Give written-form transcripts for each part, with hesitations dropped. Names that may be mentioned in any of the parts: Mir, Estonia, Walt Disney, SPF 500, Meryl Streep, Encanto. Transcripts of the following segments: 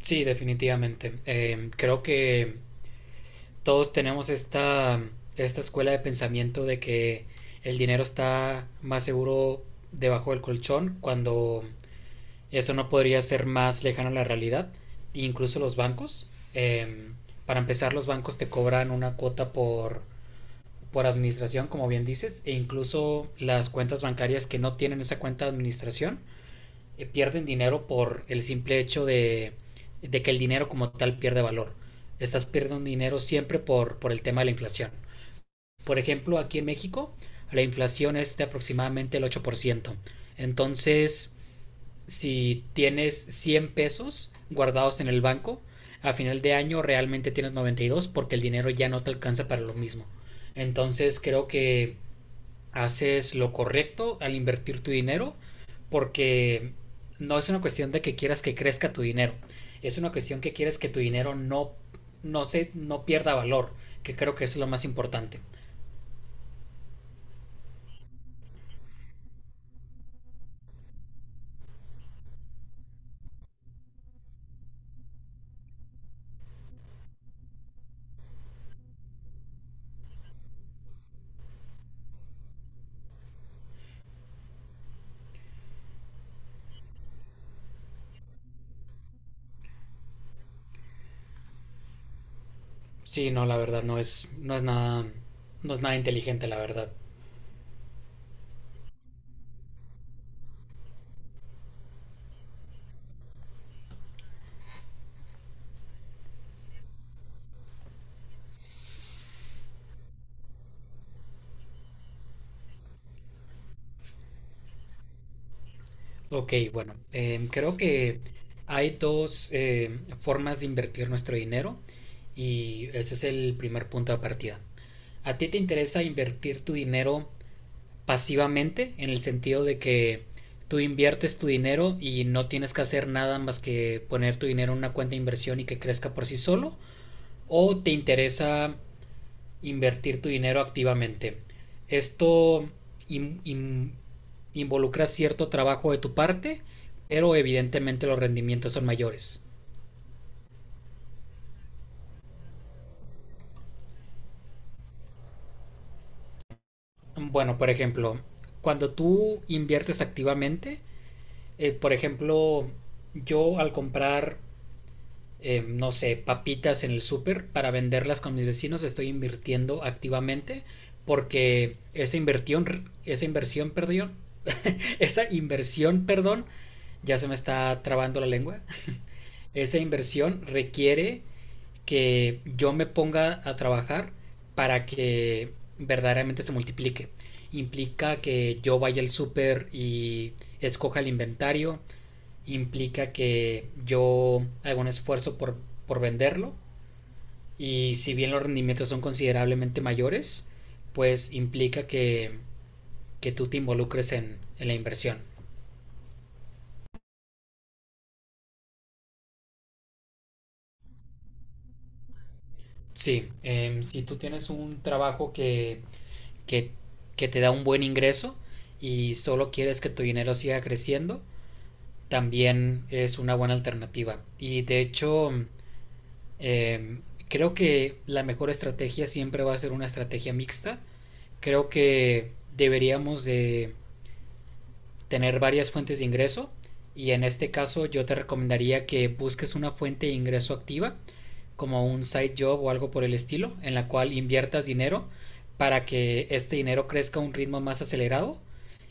Sí, definitivamente. Creo que todos tenemos esta escuela de pensamiento de que el dinero está más seguro debajo del colchón cuando eso no podría ser más lejano a la realidad. Incluso los bancos. Para empezar, los bancos te cobran una cuota por administración, como bien dices, e incluso las cuentas bancarias que no tienen esa cuenta de administración pierden dinero por el simple hecho de, que el dinero como tal pierde valor. Estás perdiendo dinero siempre por el tema de la inflación. Por ejemplo, aquí en México la inflación es de aproximadamente el 8%. Entonces, si tienes 100 pesos guardados en el banco, a final de año realmente tienes 92 porque el dinero ya no te alcanza para lo mismo. Entonces creo que haces lo correcto al invertir tu dinero, porque no es una cuestión de que quieras que crezca tu dinero, es una cuestión que quieres que tu dinero no pierda valor, que creo que es lo más importante. Sí, no, la verdad, no es nada, no es nada inteligente, la verdad. Ok, bueno, creo que hay dos formas de invertir nuestro dinero y ese es el primer punto de partida. ¿A ti te interesa invertir tu dinero pasivamente, en el sentido de que tú inviertes tu dinero y no tienes que hacer nada más que poner tu dinero en una cuenta de inversión y que crezca por sí solo, o te interesa invertir tu dinero activamente? Esto in- in- involucra cierto trabajo de tu parte, pero evidentemente los rendimientos son mayores. Bueno, por ejemplo, cuando tú inviertes activamente, por ejemplo, yo al comprar no sé, papitas en el súper para venderlas con mis vecinos, estoy invirtiendo activamente porque esa inversión, perdón, ya se me está trabando la lengua, esa inversión requiere que yo me ponga a trabajar para que verdaderamente se multiplique. Implica que yo vaya al súper y escoja el inventario, implica que yo haga un esfuerzo por venderlo y si bien los rendimientos son considerablemente mayores, pues implica que tú te involucres en la inversión. Sí, si tú tienes un trabajo que, que te da un buen ingreso y solo quieres que tu dinero siga creciendo, también es una buena alternativa. Y de hecho, em, creo que la mejor estrategia siempre va a ser una estrategia mixta. Creo que deberíamos de tener varias fuentes de ingreso y en este caso yo te recomendaría que busques una fuente de ingreso activa como un side job o algo por el estilo en la cual inviertas dinero para que este dinero crezca a un ritmo más acelerado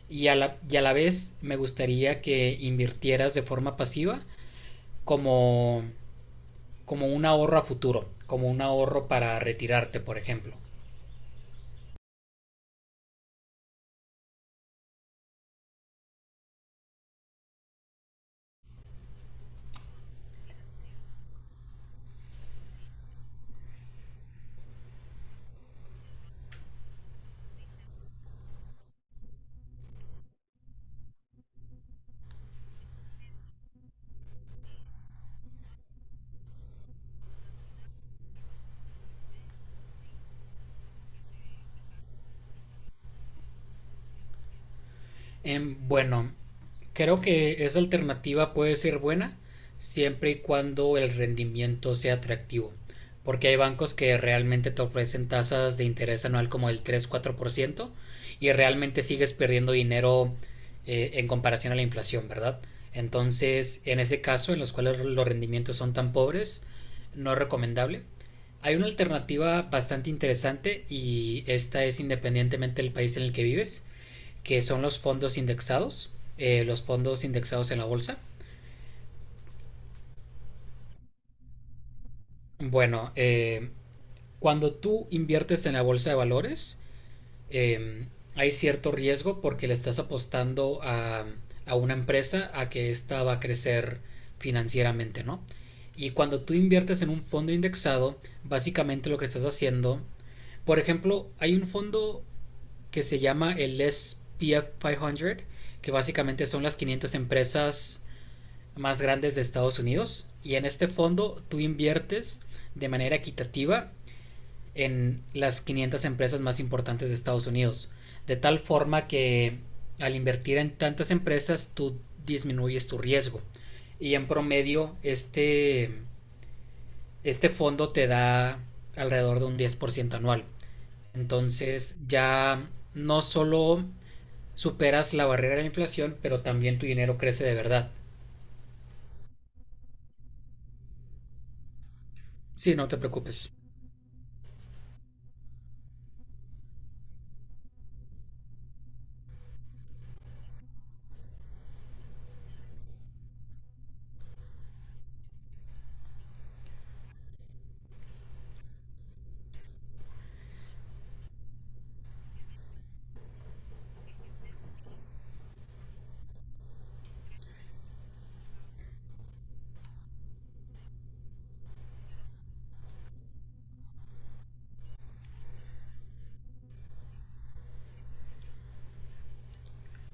y y a la vez me gustaría que invirtieras de forma pasiva como, como un ahorro a futuro, como un ahorro para retirarte, por ejemplo. Bueno, creo que esa alternativa puede ser buena siempre y cuando el rendimiento sea atractivo, porque hay bancos que realmente te ofrecen tasas de interés anual como el 3 4% y realmente sigues perdiendo dinero en comparación a la inflación, ¿verdad? Entonces, en ese caso, en los cuales los rendimientos son tan pobres, no es recomendable. Hay una alternativa bastante interesante y esta es independientemente del país en el que vives, que son los fondos indexados en la bolsa. Bueno, cuando tú inviertes en la bolsa de valores, eh, hay cierto riesgo porque le estás apostando a una empresa a que ésta va a crecer financieramente, ¿no? Y cuando tú inviertes en un fondo indexado, básicamente lo que estás haciendo, por ejemplo, hay un fondo que se llama el SPF 500, que básicamente son las 500 empresas más grandes de Estados Unidos, y en este fondo tú inviertes de manera equitativa en las 500 empresas más importantes de Estados Unidos. De tal forma que al invertir en tantas empresas tú disminuyes tu riesgo. Y en promedio este fondo te da alrededor de un 10% anual. Entonces ya no solo superas la barrera de la inflación, pero también tu dinero crece de verdad. Sí, no te preocupes.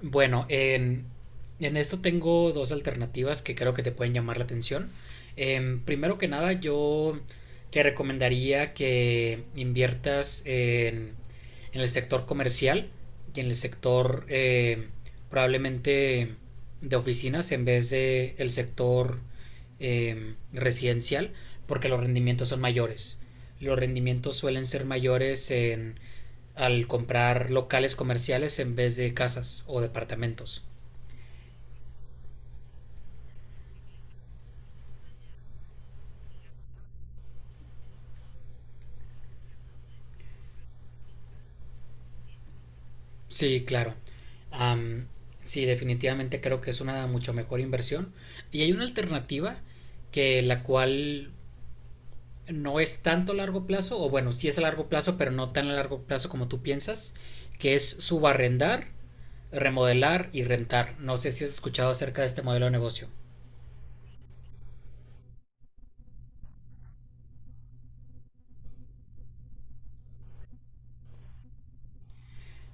Bueno, en esto tengo dos alternativas que creo que te pueden llamar la atención. Primero que nada, yo te recomendaría que inviertas en el sector comercial y en el sector probablemente de oficinas en vez de el sector residencial, porque los rendimientos son mayores. Los rendimientos suelen ser mayores al comprar locales comerciales en vez de casas o departamentos. Sí, claro. Am, sí, definitivamente creo que es una mucho mejor inversión. Y hay una alternativa que la cual no es tanto a largo plazo, o bueno, sí es a largo plazo, pero no tan a largo plazo como tú piensas, que es subarrendar, remodelar y rentar. No sé si has escuchado acerca de este modelo de negocio.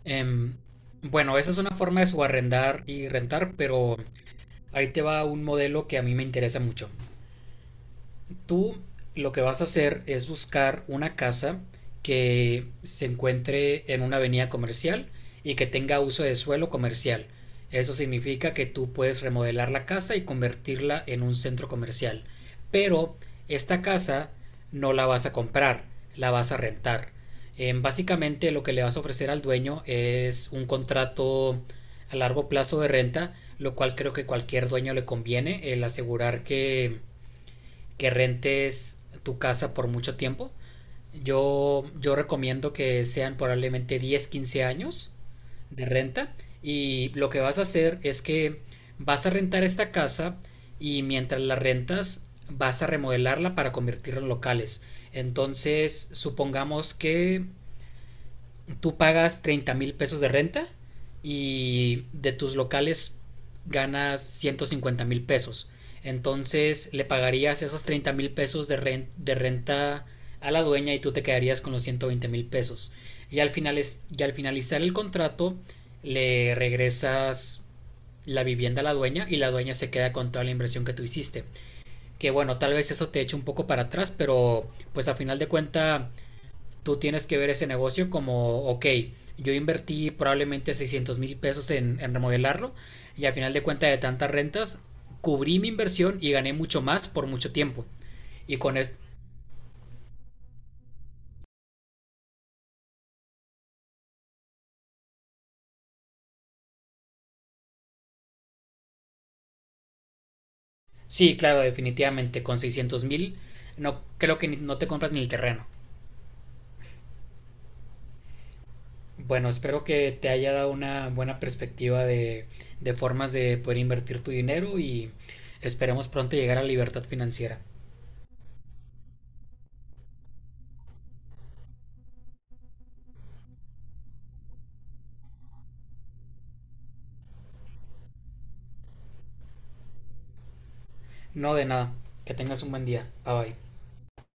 Em, bueno, esa es una forma de subarrendar y rentar, pero ahí te va un modelo que a mí me interesa mucho. Tú lo que vas a hacer es buscar una casa que se encuentre en una avenida comercial y que tenga uso de suelo comercial. Eso significa que tú puedes remodelar la casa y convertirla en un centro comercial. Pero esta casa no la vas a comprar, la vas a rentar. Básicamente lo que le vas a ofrecer al dueño es un contrato a largo plazo de renta, lo cual creo que cualquier dueño le conviene el asegurar que rentes tu casa por mucho tiempo. Yo recomiendo que sean probablemente 10 15 años de renta, y lo que vas a hacer es que vas a rentar esta casa y mientras la rentas vas a remodelarla para convertirla en locales. Entonces, supongamos que tú pagas 30 mil pesos de renta y de tus locales ganas 150 mil pesos. Entonces le pagarías esos 30 mil pesos de renta a la dueña y tú te quedarías con los 120 mil pesos. Y al, y al finalizar el contrato le regresas la vivienda a la dueña y la dueña se queda con toda la inversión que tú hiciste. Que bueno, tal vez eso te eche un poco para atrás, pero pues a final de cuenta tú tienes que ver ese negocio como, ok, yo invertí probablemente 600 mil pesos en remodelarlo y al final de cuenta de tantas rentas, cubrí mi inversión y gané mucho más por mucho tiempo. Y con esto, sí, claro, definitivamente, con 600 mil, no, creo que no te compras ni el terreno. Bueno, espero que te haya dado una buena perspectiva de formas de poder invertir tu dinero y esperemos pronto llegar a la libertad financiera. No, de nada, que tengas un buen día. Bye bye.